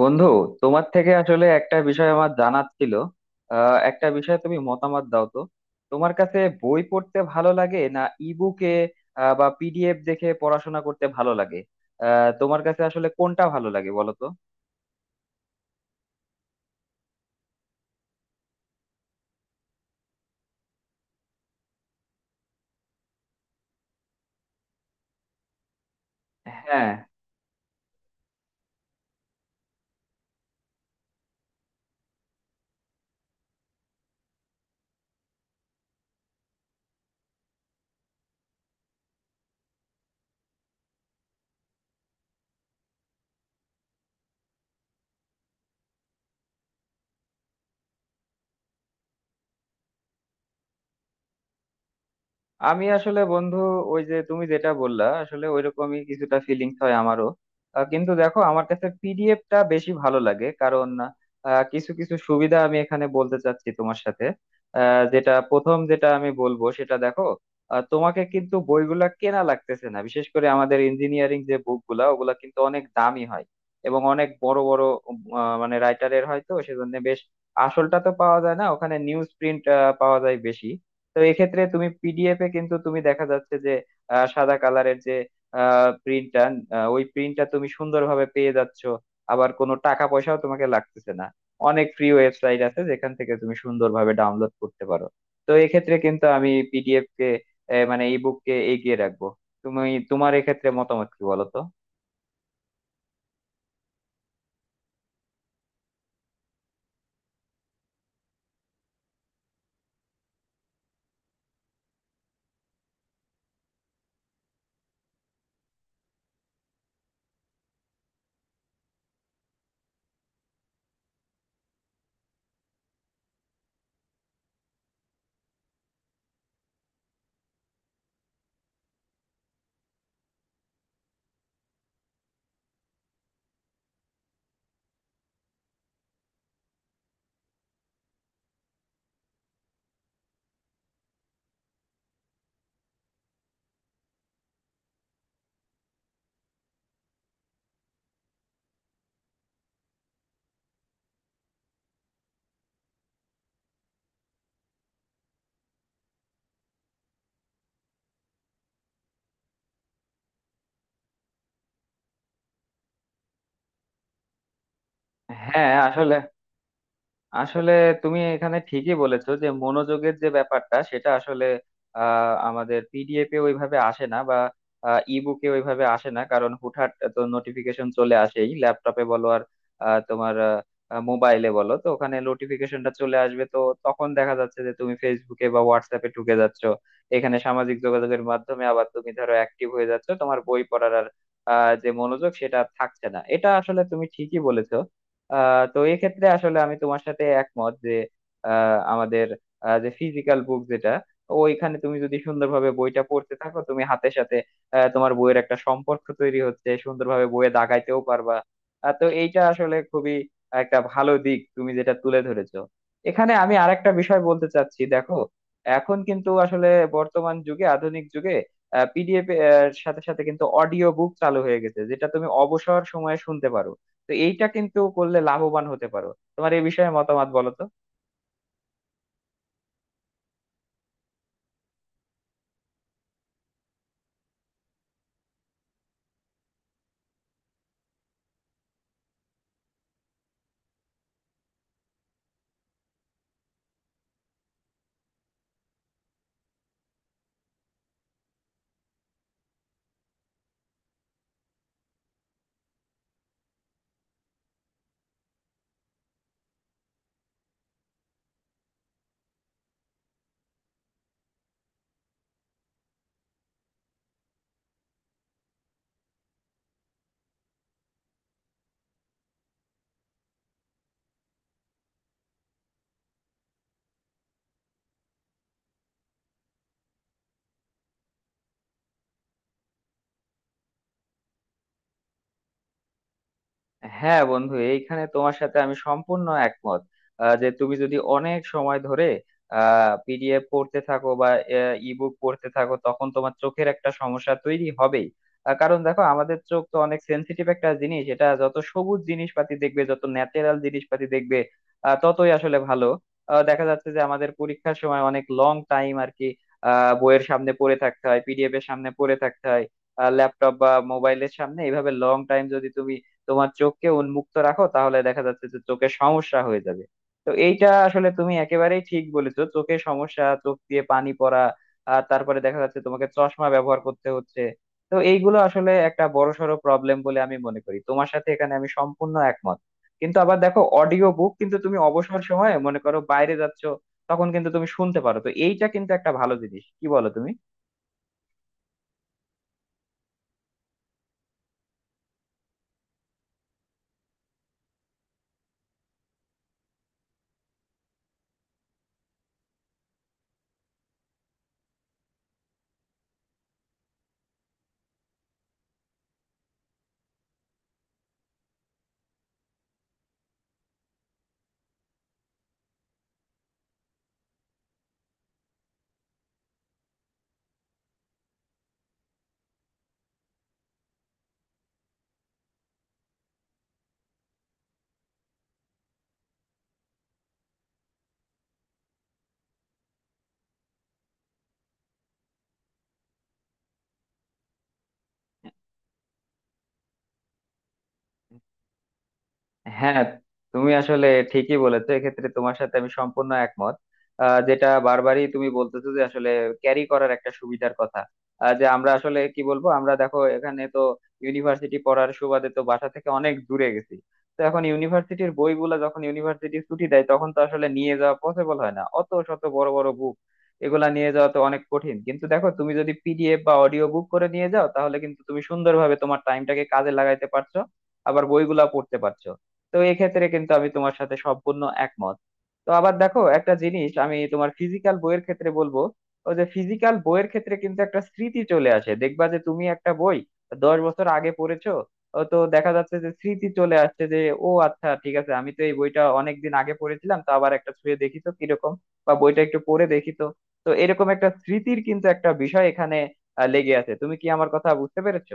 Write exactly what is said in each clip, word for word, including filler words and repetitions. বন্ধু, তোমার থেকে আসলে একটা বিষয় আমার জানার ছিল। আহ, একটা বিষয়ে তুমি মতামত দাও তো। তোমার কাছে বই পড়তে ভালো লাগে না, ইবুকে বা পিডিএফ দেখে পড়াশোনা করতে ভালো লাগে? আহ তোমার কাছে আসলে কোনটা ভালো লাগে বলো তো। হ্যাঁ, আমি আসলে বন্ধু, ওই যে তুমি যেটা বললা, আসলে ওইরকমই কিছুটা ফিলিংস হয় আমারও। আহ, কিন্তু দেখো, আমার কাছে পিডিএফটা বেশি ভালো লাগে, কারণ আহ, কিছু কিছু সুবিধা আমি এখানে বলতে চাচ্ছি তোমার সাথে। আহ, যেটা প্রথম যেটা আমি বলবো সেটা দেখো, আহ, তোমাকে কিন্তু বইগুলা কেনা লাগতেছে না। বিশেষ করে আমাদের ইঞ্জিনিয়ারিং যে বুকগুলা, ওগুলা কিন্তু অনেক দামি হয় এবং অনেক বড় বড় আহ, মানে রাইটারের হয়, তো সেজন্য বেশ আসলটা তো পাওয়া যায় না, ওখানে নিউজ প্রিন্ট পাওয়া যায় বেশি। তো এক্ষেত্রে তুমি পিডিএফ এ কিন্তু তুমি দেখা যাচ্ছে যে আহ, সাদা কালারের যে প্রিন্টটা, ওই প্রিন্টটা তুমি সুন্দরভাবে পেয়ে যাচ্ছ। আবার কোনো টাকা পয়সাও তোমাকে লাগতেছে না, অনেক ফ্রি ওয়েবসাইট আছে যেখান থেকে তুমি সুন্দরভাবে ডাউনলোড করতে পারো। তো এক্ষেত্রে কিন্তু আমি পিডিএফ কে, আহ, মানে ইবুক কে এগিয়ে রাখবো। তুমি, তোমার এক্ষেত্রে মতামত কি বলো তো। হ্যাঁ আসলে, আসলে তুমি এখানে ঠিকই বলেছো যে মনোযোগের যে ব্যাপারটা, সেটা আসলে আহ, আমাদের পিডিএফ এ ওইভাবে আসে না বা ইবুকে ওইভাবে আসে না, কারণ হুটহাট তো নোটিফিকেশন চলে আসেই, ল্যাপটপে বলো আর আহ, তোমার মোবাইলে বলো, তো ওখানে নোটিফিকেশনটা চলে আসবে তো। তখন দেখা যাচ্ছে যে তুমি ফেসবুকে বা হোয়াটসঅ্যাপে ঢুকে যাচ্ছ। এখানে সামাজিক যোগাযোগের মাধ্যমে আবার তুমি ধরো অ্যাক্টিভ হয়ে যাচ্ছ, তোমার বই পড়ার আর আহ, যে মনোযোগ সেটা আর থাকছে না। এটা আসলে তুমি ঠিকই বলেছো। আহ তো এক্ষেত্রে আসলে আমি তোমার সাথে একমত যে আহ, আমাদের আহ, যে ফিজিক্যাল বুক, যেটা ওইখানে তুমি যদি সুন্দরভাবে বইটা পড়তে থাকো তুমি হাতের সাথে, আহ, তোমার বইয়ের একটা সম্পর্ক তৈরি হচ্ছে, সুন্দরভাবে বইয়ে দাগাইতেও পারবা। আহ, তো এইটা আসলে খুবই একটা ভালো দিক, তুমি যেটা তুলে ধরেছো। এখানে আমি আরেকটা বিষয় বলতে চাচ্ছি দেখো। এখন কিন্তু আসলে বর্তমান যুগে, আধুনিক যুগে পিডিএফ এর সাথে সাথে কিন্তু অডিও বুক চালু হয়ে গেছে, যেটা তুমি অবসর সময়ে শুনতে পারো। তো এইটা কিন্তু করলে লাভবান হতে পারো। তোমার এই বিষয়ে মতামত বলো তো। হ্যাঁ বন্ধু, এইখানে তোমার সাথে আমি সম্পূর্ণ একমত। আহ, যে তুমি যদি অনেক সময় ধরে পিডিএফ পড়তে থাকো বা ইবুক পড়তে থাকো, তখন তোমার চোখের একটা সমস্যা তৈরি হবেই। আহ, কারণ দেখো, আমাদের চোখ তো অনেক সেন্সিটিভ একটা জিনিস। এটা যত সবুজ জিনিসপাতি দেখবে, যত ন্যাচারাল জিনিসপাতি দেখবে আহ, ততই আসলে ভালো। আহ, দেখা যাচ্ছে যে আমাদের পরীক্ষার সময় অনেক লং টাইম আর কি আহ, বইয়ের সামনে পড়ে থাকতে হয়, পিডিএফ এর সামনে পড়ে থাকতে হয়, ল্যাপটপ বা মোবাইলের সামনে এইভাবে লং টাইম যদি তুমি তোমার চোখকে উন্মুক্ত রাখো, তাহলে দেখা যাচ্ছে যে চোখের সমস্যা হয়ে যাবে। তো এইটা আসলে তুমি একেবারেই ঠিক বলেছো, চোখের সমস্যা, চোখ দিয়ে পানি পড়া, আর তারপরে দেখা যাচ্ছে তোমাকে চশমা ব্যবহার করতে হচ্ছে। তো এইগুলো আসলে একটা বড়সড় প্রবলেম বলে আমি মনে করি, তোমার সাথে এখানে আমি সম্পূর্ণ একমত। কিন্তু আবার দেখো, অডিও বুক কিন্তু তুমি অবসর সময়ে, মনে করো বাইরে যাচ্ছো, তখন কিন্তু তুমি শুনতে পারো। তো এইটা কিন্তু একটা ভালো জিনিস, কি বলো তুমি? হ্যাঁ, তুমি আসলে ঠিকই বলেছো, এক্ষেত্রে তোমার সাথে আমি সম্পূর্ণ একমত। আহ, যেটা বারবারই তুমি বলতেছো, যে আসলে ক্যারি করার একটা সুবিধার কথা। আহ, যে আমরা আসলে কি বলবো, আমরা দেখো এখানে তো ইউনিভার্সিটি পড়ার সুবাদে তো বাসা থেকে অনেক দূরে গেছি। তো এখন ইউনিভার্সিটির বইগুলা যখন ইউনিভার্সিটি ছুটি দেয়, তখন তো আসলে নিয়ে যাওয়া পসিবল হয় না অত শত বড় বড় বুক। এগুলা নিয়ে যাওয়া তো অনেক কঠিন। কিন্তু দেখো, তুমি যদি পিডিএফ বা অডিও বুক করে নিয়ে যাও, তাহলে কিন্তু তুমি সুন্দরভাবে তোমার টাইমটাকে কাজে লাগাইতে পারছো, আবার বইগুলা পড়তে পারছো। তো এক্ষেত্রে কিন্তু আমি তোমার সাথে সম্পূর্ণ একমত। তো আবার দেখো, একটা জিনিস আমি তোমার ফিজিক্যাল বইয়ের ক্ষেত্রে বলবো। ও, যে ফিজিক্যাল বইয়ের ক্ষেত্রে কিন্তু একটা স্মৃতি চলে আসে, দেখবা যে তুমি একটা বই দশ বছর আগে পড়েছো, ও তো দেখা যাচ্ছে যে স্মৃতি চলে আসছে যে, ও আচ্ছা ঠিক আছে, আমি তো এই বইটা অনেক দিন আগে পড়েছিলাম, তো আবার একটা ছুঁয়ে দেখি তো কিরকম, বা বইটা একটু পড়ে দেখি তো। তো এরকম একটা স্মৃতির কিন্তু একটা বিষয় এখানে আহ, লেগে আছে। তুমি কি আমার কথা বুঝতে পেরেছো?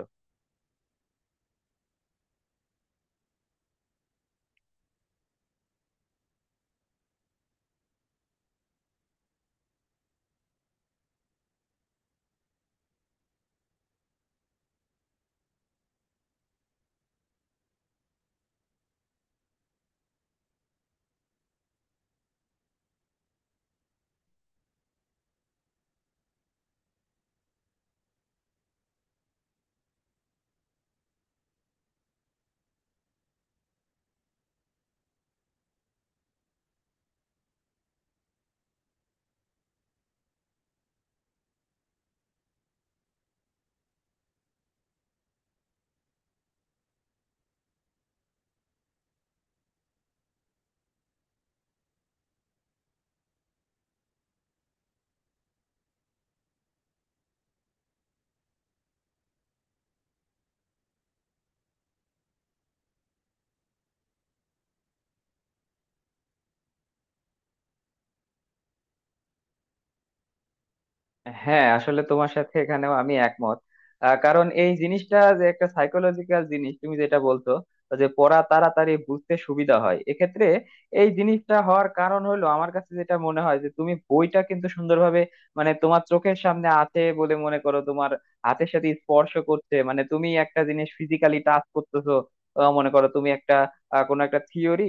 হ্যাঁ আসলে, তোমার সাথে এখানেও আমি একমত, আহ, কারণ এই জিনিসটা যে একটা সাইকোলজিক্যাল জিনিস, তুমি যেটা বলছো যে পড়া তাড়াতাড়ি বুঝতে সুবিধা হয় এক্ষেত্রে। এই জিনিসটা হওয়ার কারণ হলো, আমার কাছে যেটা মনে হয়, যে তুমি বইটা কিন্তু সুন্দরভাবে মানে তোমার চোখের সামনে আছে বলে, মনে করো তোমার হাতের সাথে স্পর্শ করছে, মানে তুমি একটা জিনিস ফিজিক্যালি টাচ করতেছো। আহ, মনে করো তুমি একটা আহ, কোনো একটা থিওরি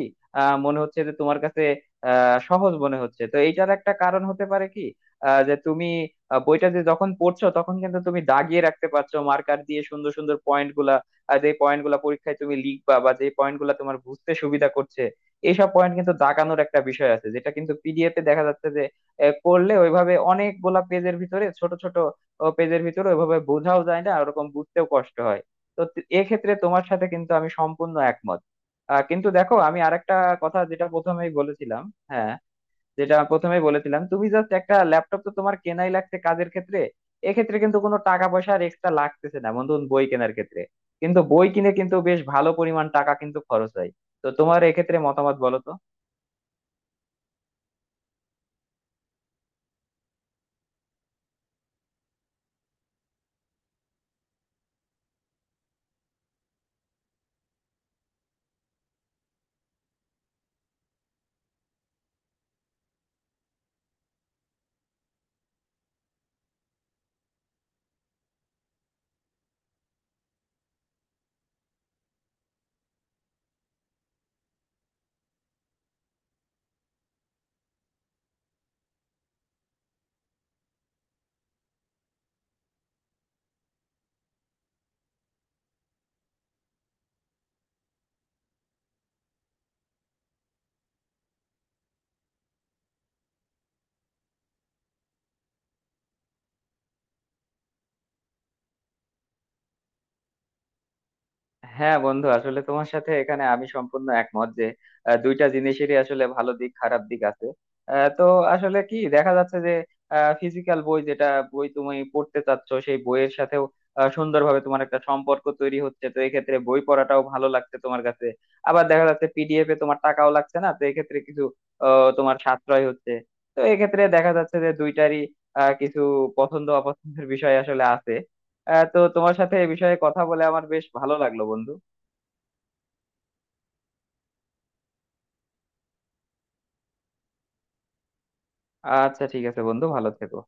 মনে হচ্ছে যে তোমার কাছে আহ, সহজ মনে হচ্ছে। তো এইটার একটা কারণ হতে পারে কি, আহ যে তুমি আহ, বইটা যে যখন পড়ছো, তখন কিন্তু তুমি দাগিয়ে রাখতে পারছো মার্কার দিয়ে সুন্দর সুন্দর পয়েন্ট গুলা। আর যে পয়েন্ট গুলা পরীক্ষায় তুমি লিখবা, বা যে পয়েন্ট গুলা তোমার বুঝতে সুবিধা করছে, এইসব পয়েন্ট কিন্তু দাগানোর একটা বিষয় আছে, যেটা কিন্তু পিডিএফ এ দেখা যাচ্ছে যে আহ, করলে ওইভাবে অনেকগুলা পেজের ভিতরে, ছোট ছোট পেজের ভিতরে ওইভাবে বোঝাও যায় না, ওরকম বুঝতেও কষ্ট হয়। তো তে- এক্ষেত্রে তোমার সাথে কিন্তু আমি সম্পূর্ণ একমত। আহ, কিন্তু দেখো, আমি আরেকটা কথা যেটা প্রথমেই বলেছিলাম, হ্যাঁ, যেটা প্রথমে বলেছিলাম, তুমি জাস্ট একটা ল্যাপটপ তো তোমার কেনাই লাগছে কাজের ক্ষেত্রে। এক্ষেত্রে কিন্তু কোনো টাকা পয়সা আর এক্সট্রা লাগতেছে না বন্ধু, বই কেনার ক্ষেত্রে। কিন্তু বই কিনে কিন্তু বেশ ভালো পরিমাণ টাকা কিন্তু খরচ হয়। তো তোমার এক্ষেত্রে মতামত বলো তো। হ্যাঁ বন্ধু, আসলে তোমার সাথে এখানে আমি সম্পূর্ণ একমত যে আহ, দুইটা জিনিসেরই আসলে ভালো দিক খারাপ দিক আছে। আহ, তো আসলে কি দেখা যাচ্ছে যে ফিজিক্যাল বই যেটা বই তুমি পড়তে চাচ্ছ, সেই বইয়ের সাথেও আহ, সুন্দরভাবে তোমার একটা সম্পর্ক তৈরি হচ্ছে। তো এক্ষেত্রে বই পড়াটাও ভালো লাগছে তোমার কাছে। আবার দেখা যাচ্ছে পিডিএফ এ তোমার টাকাও লাগছে না, তো এক্ষেত্রে কিছু আহ, তোমার সাশ্রয় হচ্ছে। তো এক্ষেত্রে দেখা যাচ্ছে যে দুইটারই আহ, কিছু পছন্দ অপছন্দের বিষয় আসলে আছে। আহ, তো তোমার সাথে এ বিষয়ে কথা বলে আমার বেশ ভালো লাগলো বন্ধু। আচ্ছা ঠিক আছে বন্ধু, ভালো থেকো।